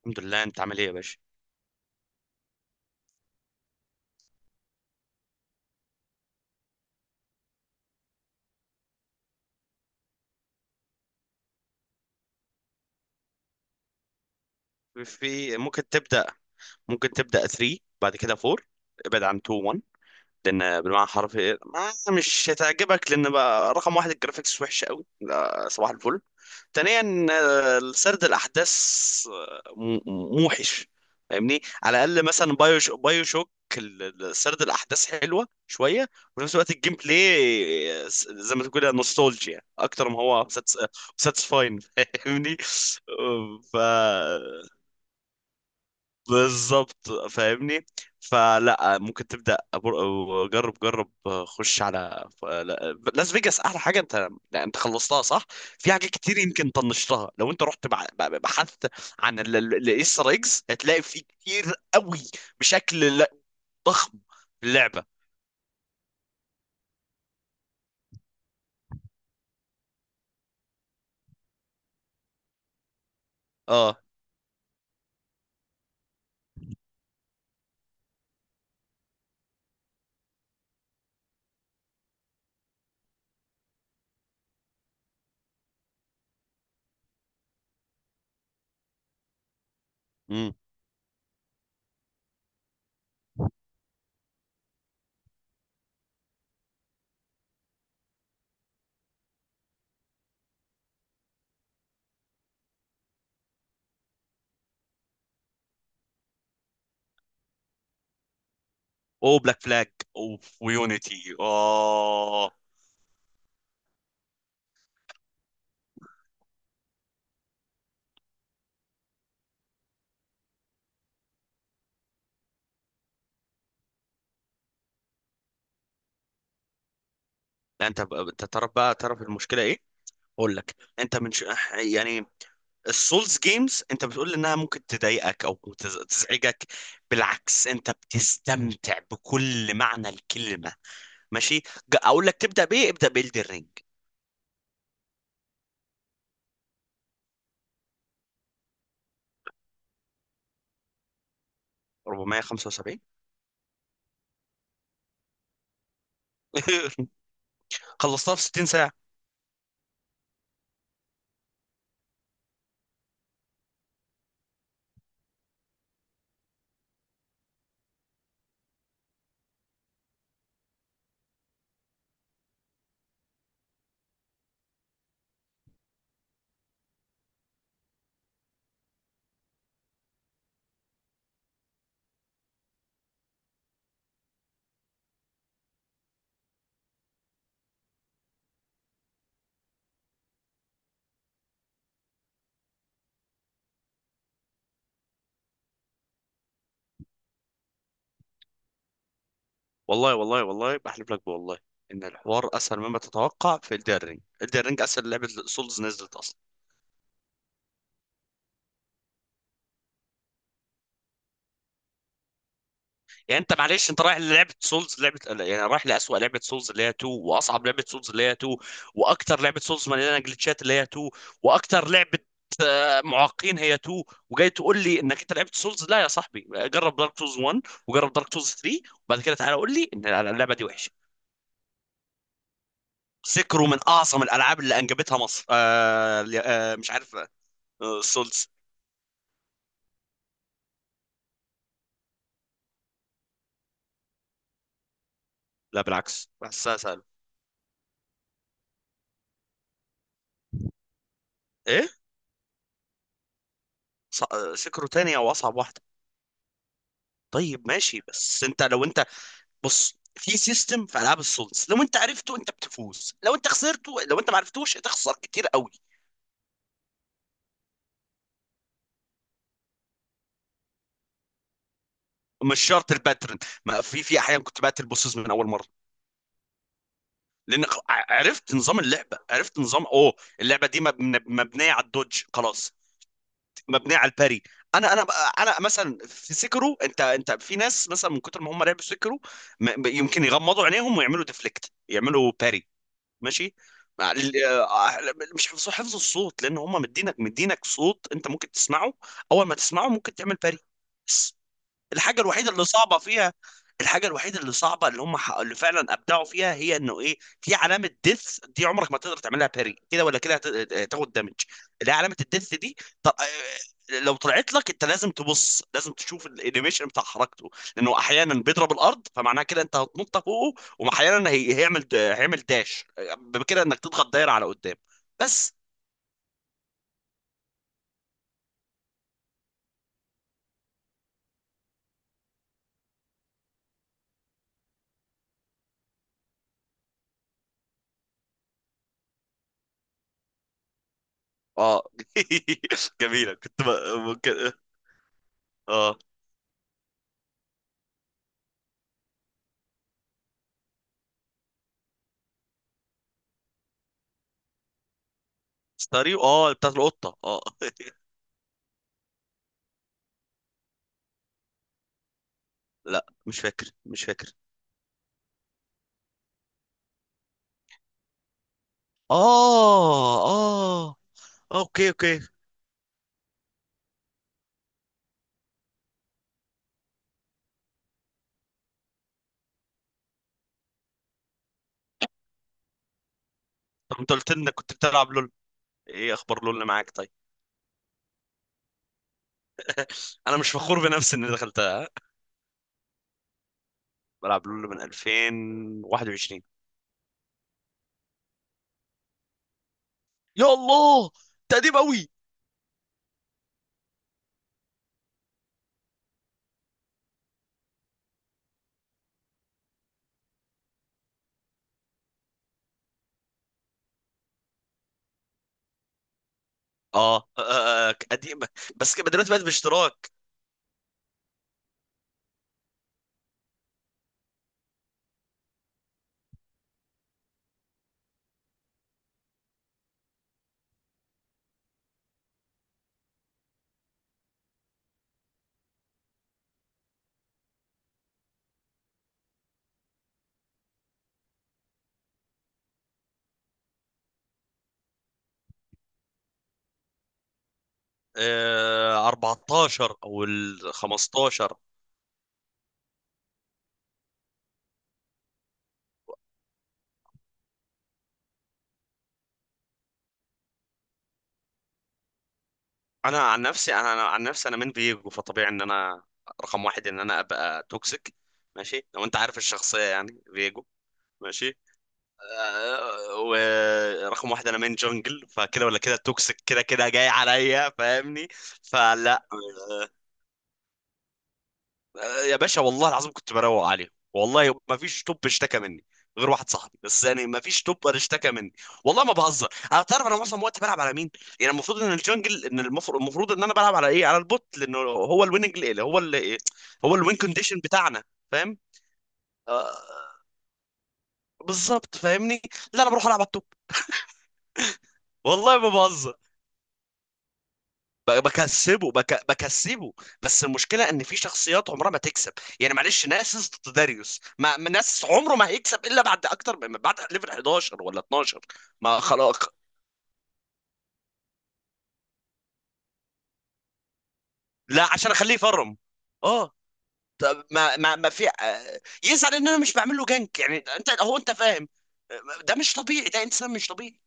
الحمد لله، انت عامل ايه يا باشا؟ في ممكن تبدا 3، بعد كده 4. ابعد عن 2، 1. لان بالمعنى الحرفي ما مش هتعجبك. لان بقى رقم واحد الجرافيكس وحشه قوي. لا، صباح الفل. ثانيا آه، سرد الاحداث موحش، فاهمني؟ على الاقل مثلا بايو شوك، سرد الاحداث حلوه شويه. وفي نفس الوقت الجيم بلاي زي ما تقول نوستالجيا اكتر ما هو ساتسفاين، فاهمني. آه، ف بالظبط، فاهمني. فلا، ممكن تبدا جرب، جرب. خش على لاس فيجاس، احلى حاجه. انت لا، انت خلصتها صح؟ في حاجات كتير يمكن طنشتها. لو انت رحت بحثت عن الايستر ايجز هتلاقي في كتير قوي، بشكل ضخم في اللعبه. اه. امم. او بلاك فلاج اوف ويونيتي، اه. لا، انت تعرف بقى، تعرف المشكله ايه؟ اقول لك، يعني السولز جيمز انت بتقول انها ممكن تضايقك او تزعجك. بالعكس، انت بتستمتع بكل معنى الكلمه. ماشي، اقول لك تبدا بايه؟ ابدا بإلدر رينج. 475. خلصتها في 60 ساعه. والله والله والله بحلف لك بالله ان الحوار اسهل مما تتوقع. في إلدر رينج، إلدر رينج اسهل لعبه سولز نزلت اصلا. يعني انت معلش، انت رايح للعبه سولز، لعبه يعني رايح لاسوأ لعبه سولز اللي هي 2، واصعب لعبه سولز اللي هي 2، واكتر لعبه سولز مليانه جلitchات اللي هي 2، واكتر لعبه معاقين هي 2، وجاي تقول لي انك انت لعبت سولز؟ لا يا صاحبي، جرب دارك سولز 1، وجرب دارك سولز 3، وبعد كده تعالى قول لي ان اللعبه دي وحشه. سكروا من اعظم الالعاب اللي انجبتها مصر. آه، مش عارف. آه، سولز. لا بالعكس، بحسها سهله. ايه، سكروا تاني او اصعب واحده. طيب ماشي. بس انت لو انت، بص، في سيستم في العاب السولز، لو انت عرفته انت بتفوز، لو انت ما عرفتوش هتخسر كتير قوي. مش شرط الباترن، ما في في احيان كنت بقتل بوسز من اول مره. لان عرفت نظام اللعبه، عرفت نظام. اوه، اللعبه دي مبنيه على الدوج، خلاص، مبنيه على الباري. انا انا انا مثلا في سكرو، انت في ناس مثلا من كتر ما هم لعبوا سكرو يمكن يغمضوا عينيهم ويعملوا ديفليكت، يعملوا باري. ماشي، مع مش حفظ، حفظ الصوت، لان هم مدينك صوت انت ممكن تسمعه، اول ما تسمعه ممكن تعمل باري. الحاجه الوحيده اللي صعبه فيها الحاجه الوحيده اللي صعبه، اللي اللي فعلا ابدعوا فيها، هي انه ايه، في علامه ديث دي عمرك ما تقدر تعملها باري، كده ولا كده هتاخد دامج. اللي هي علامه الديث دي. طب لو طلعت لك انت لازم تبص، لازم تشوف الانيميشن بتاع حركته. لانه احيانا بيضرب الارض فمعناها كده انت هتنط فوقه، واحيانا هيعمل داش، بكده انك تضغط دايره على قدام. بس. اه. جميله كنت ممكن. اه. ستاريو، اه، بتاعت القطه، اه. لا مش فاكر، مش فاكر. اه. اه. اوكي، اوكي. طب انت قلت لي انك كنت بتلعب لول، ايه اخبار لول اللي معاك؟ طيب، انا مش فخور بنفسي اني دخلتها، ها؟ بلعب لول من 2021. يا الله، ده قديم قوي. اه. آه. آه، قديمه بس كده دلوقتي بقت باشتراك. آه 14 او ال 15. انا عن نفسي، انا من فيجو، فطبيعي ان انا رقم واحد ان انا ابقى توكسيك. ماشي، لو انت عارف الشخصيه يعني فيجو. ماشي. ورقم واحد، انا مين جنجل، فكده ولا كده توكسيك، كده كده جاي عليا، فاهمني. فلا، آه، يا باشا والله العظيم كنت بروق عليه، والله ما فيش توب اشتكى مني غير واحد صاحبي بس، يعني ما فيش توب اشتكى مني. والله ما بهزر. انا تعرف انا معظم وقتي بلعب على مين؟ يعني المفروض ان الجنجل، المفروض ان انا بلعب على ايه، على البوت، لانه هو الويننج اللي هو اللي هو الوين كونديشن بتاعنا، فاهم. آه، بالظبط، فاهمني. لا، انا بروح العب على التوب، والله ما بهزر. بكسبه، بكسبه. بس المشكله ان في شخصيات عمرها ما تكسب. يعني معلش، ناسس ضد داريوس، ما ما ناسس عمره ما هيكسب الا بعد اكتر من، بعد ليفل 11 ولا 12. ما خلاص، لا، عشان اخليه يفرم. اه. طب ما ما ما في آه، يزعل ان انا مش بعمل له جنك، يعني انت، هو، انت فاهم. آه، ده مش طبيعي، ده انسان مش طبيعي.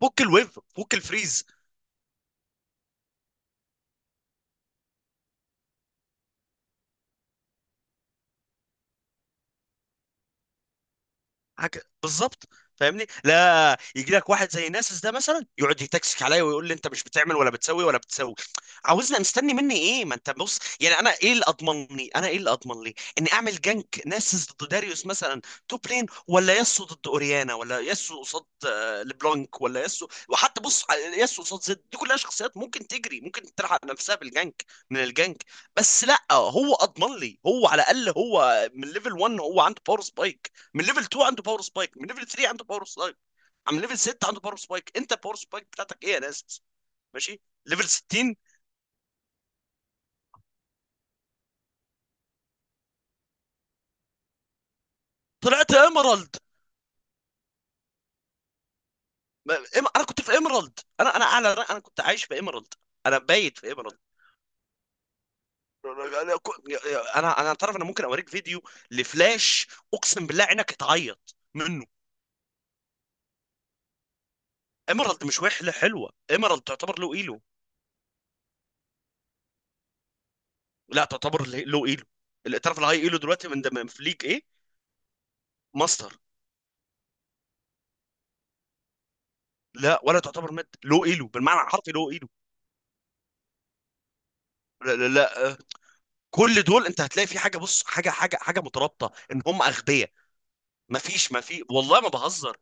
فك الويف، فك الفريز. حاجه، بالظبط، فاهمني. لا يجي لك واحد زي ناسس ده مثلا يقعد يتكسك عليا ويقول لي انت مش بتعمل ولا بتسوي ولا بتسوي. عاوزنا مستني مني ايه؟ ما انت بص، يعني انا ايه اللي اضمنني، انا ايه اللي اضمن لي اني اعمل جنك ناسس ضد داريوس مثلا، توب لين، ولا ياسو ضد اوريانا، ولا ياسو قصاد آه، لبلانك، ولا ياسو، وحتى بص على ياسو قصاد زد. دي كلها شخصيات ممكن تجري ممكن تلحق نفسها بالجنك من الجنك. بس لا، هو اضمن لي، هو على الاقل هو من ليفل 1 هو عنده باور سبايك، من ليفل 2 عنده باور سبايك، من ليفل 3 عنده باور سبايك، من ليفل 6 عنده باور سبايك. انت الباور سبايك بتاعتك ايه يا ناس؟ ماشي، ليفل 60. طلعت ايمرالد. انا كنت في ايمرالد، انا انا اعلى انا كنت عايش في ايمرالد. انا بايت في ايمرالد. انا تعرف، انا ممكن اوريك فيديو لفلاش، اقسم بالله عينك هتعيط منه. ايمرالد مش وحله، حلوه ايمرالد، تعتبر له ايلو. لا تعتبر له ايلو. اللي تعرف الهاي ايلو دلوقتي من في ليج ايه؟ ماستر. لا ولا تعتبر مد، لو ايلو بالمعنى الحرفي، لو ايلو. لا, لا, لا آه، كل دول انت هتلاقي في حاجه، بص، حاجه مترابطه ان هم اغبياء. ما فيش ما في والله ما بهزر،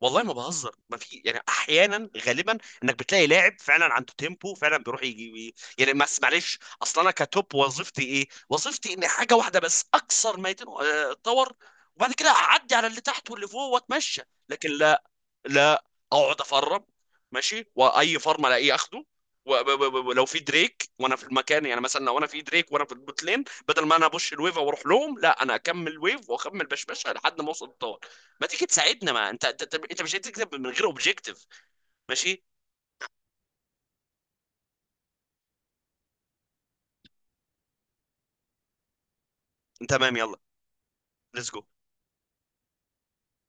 والله ما بهزر. ما في يعني احيانا، غالبا، انك بتلاقي لاعب فعلا عنده تيمبو فعلا بيروح يجي، يعني بس معلش. اصلا انا كتوب، وظيفتي ايه؟ وظيفتي اني حاجه واحده بس، اكسر ما اتطور، وبعد كده اعدي على اللي تحت واللي فوق واتمشى. لكن لا، لا، اقعد افرم، ماشي، واي فرم الاقيه اخده. ولو في دريك وانا في المكان، يعني مثلا لو انا في دريك وانا في البوت لين، بدل ما انا ابش الويف واروح لهم، لا، انا اكمل ويف واكمل بشبشه لحد ما اوصل الطار. ما تيجي تساعدنا، ما انت، انت مش هتكتب من غير اوبجيكتيف. ماشي. تمام، يلا. ليتس جو.